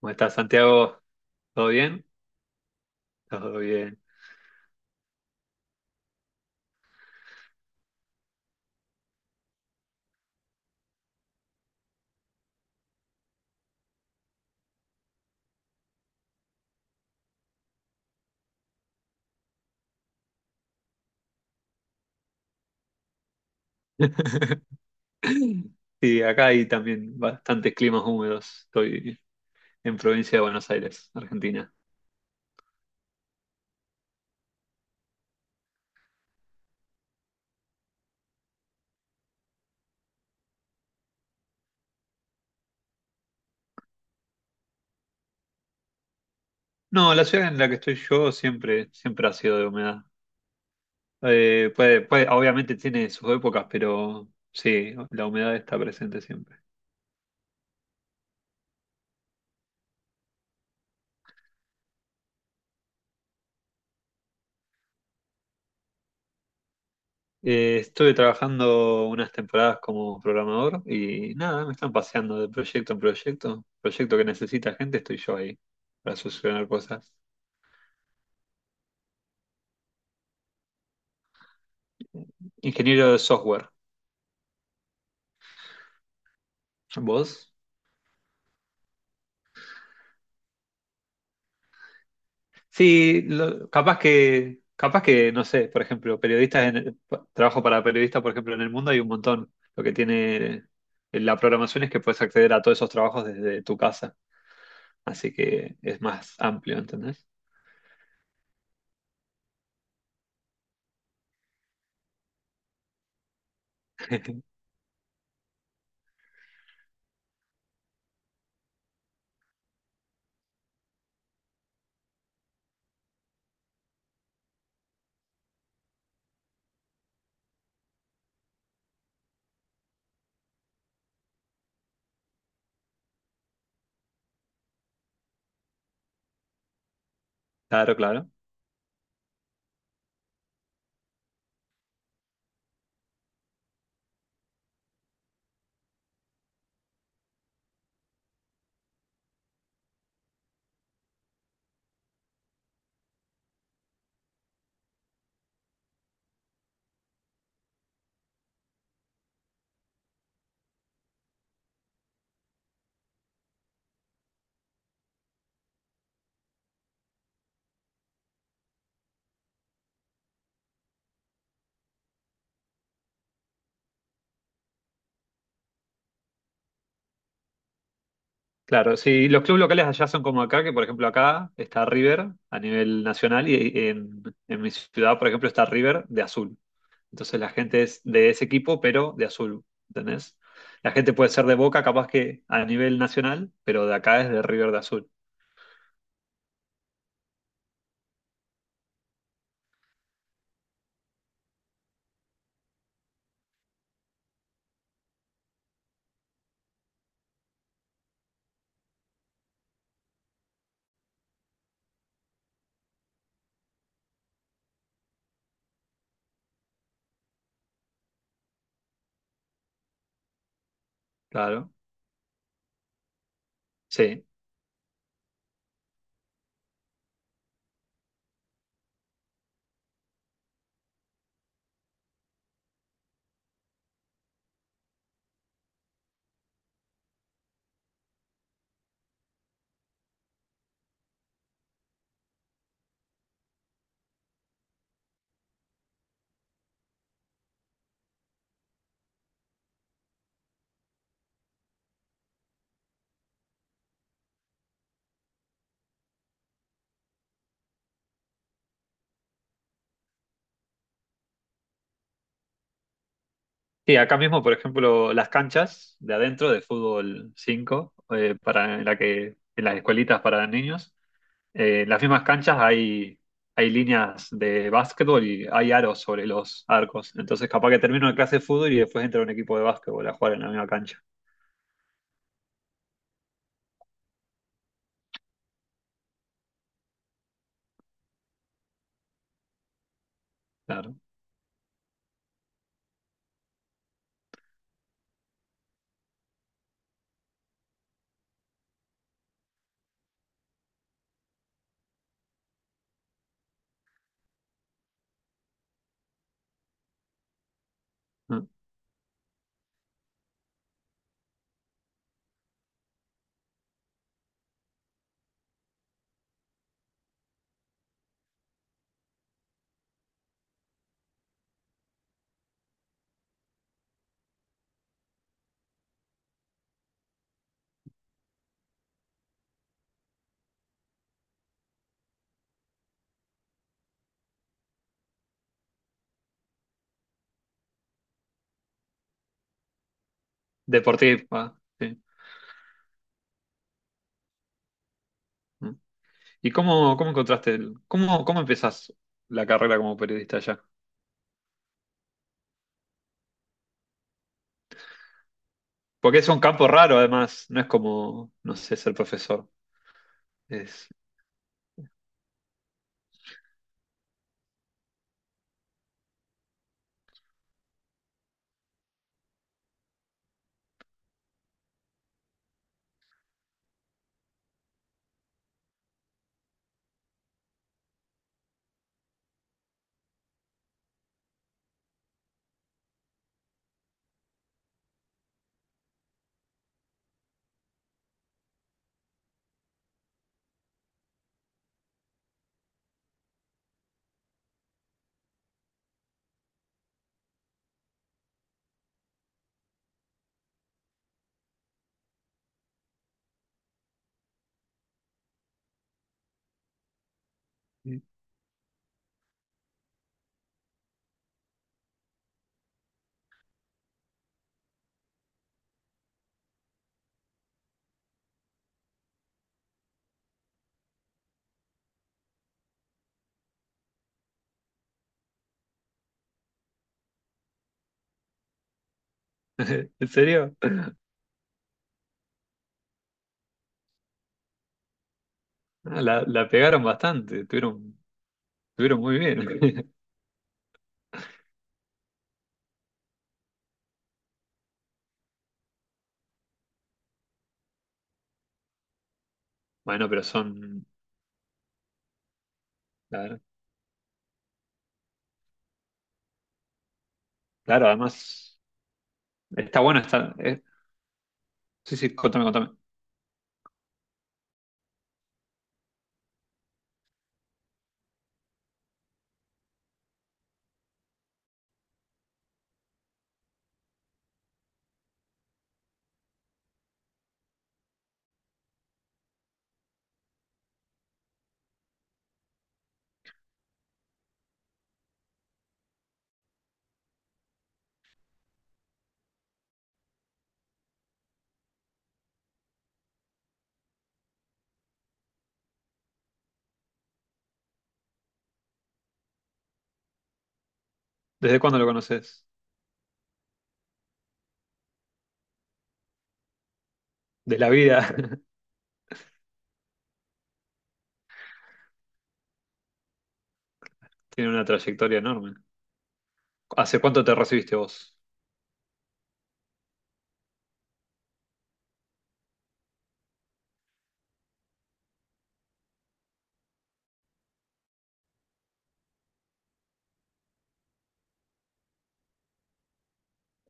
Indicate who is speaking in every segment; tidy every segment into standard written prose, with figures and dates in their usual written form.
Speaker 1: ¿Cómo estás, Santiago? ¿Todo bien? Todo bien. Sí, acá hay también bastantes climas húmedos. Estoy en provincia de Buenos Aires, Argentina. No, la ciudad en la que estoy yo siempre, siempre ha sido de humedad. Obviamente tiene sus épocas, pero sí, la humedad está presente siempre. Estuve trabajando unas temporadas como programador y nada, me están paseando de proyecto en proyecto. Proyecto que necesita gente, estoy yo ahí para solucionar cosas. Ingeniero de software. ¿Vos? Sí, capaz que, no sé, por ejemplo, periodistas trabajo para periodistas, por ejemplo, en el mundo hay un montón. Lo que tiene la programación es que puedes acceder a todos esos trabajos desde tu casa. Así que es más amplio, ¿entendés? Claro, claro. Claro, sí, los clubes locales allá son como acá, que por ejemplo acá está River a nivel nacional y en mi ciudad, por ejemplo, está River de azul. Entonces la gente es de ese equipo, pero de azul, ¿entendés? La gente puede ser de Boca, capaz que a nivel nacional, pero de acá es de River de azul, claro. Sí. Y acá mismo, por ejemplo, las canchas de adentro de fútbol 5, para en la que en las escuelitas para niños, en las mismas canchas hay líneas de básquetbol y hay aros sobre los arcos. Entonces, capaz que termino la clase de fútbol y después entra un equipo de básquetbol a jugar en la misma cancha. Claro. Mm. Deportiva, sí. Mm. ¿Y cómo encontraste cómo empezás la carrera como periodista allá? Porque es un campo raro, además, no es como, no sé, ser profesor. Es. ¿En serio? Ah, la pegaron bastante, tuvieron muy bien. Bueno, pero son, claro, claro, además, está bueno estar. Sí, sí, contame, contame. ¿Desde cuándo lo conoces? De la vida. Tiene una trayectoria enorme. ¿Hace cuánto te recibiste vos?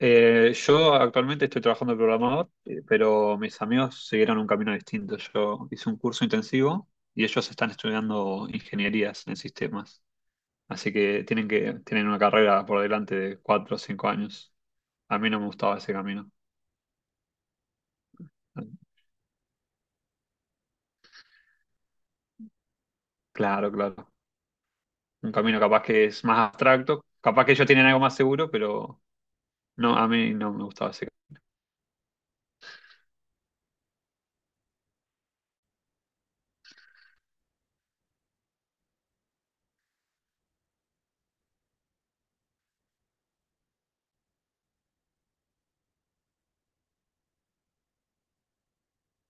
Speaker 1: Yo actualmente estoy trabajando de programador, pero mis amigos siguieron un camino distinto. Yo hice un curso intensivo y ellos están estudiando ingenierías en sistemas. Así que tienen una carrera por delante de 4 o 5 años. A mí no me gustaba ese camino. Claro, claro. Un camino capaz que es más abstracto, capaz que ellos tienen algo más seguro, pero no, a mí no me gustaba ese camino.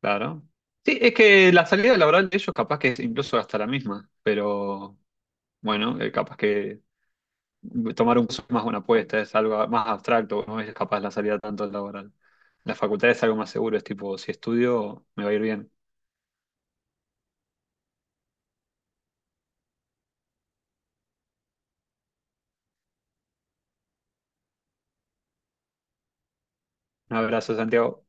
Speaker 1: Claro. Sí, es que la salida laboral de ellos capaz que es incluso hasta la misma, pero bueno, capaz que tomar un curso es más una apuesta, es algo más abstracto, no es capaz la salida tanto laboral. La facultad es algo más seguro, es tipo, si estudio, me va a ir bien. Un abrazo, Santiago.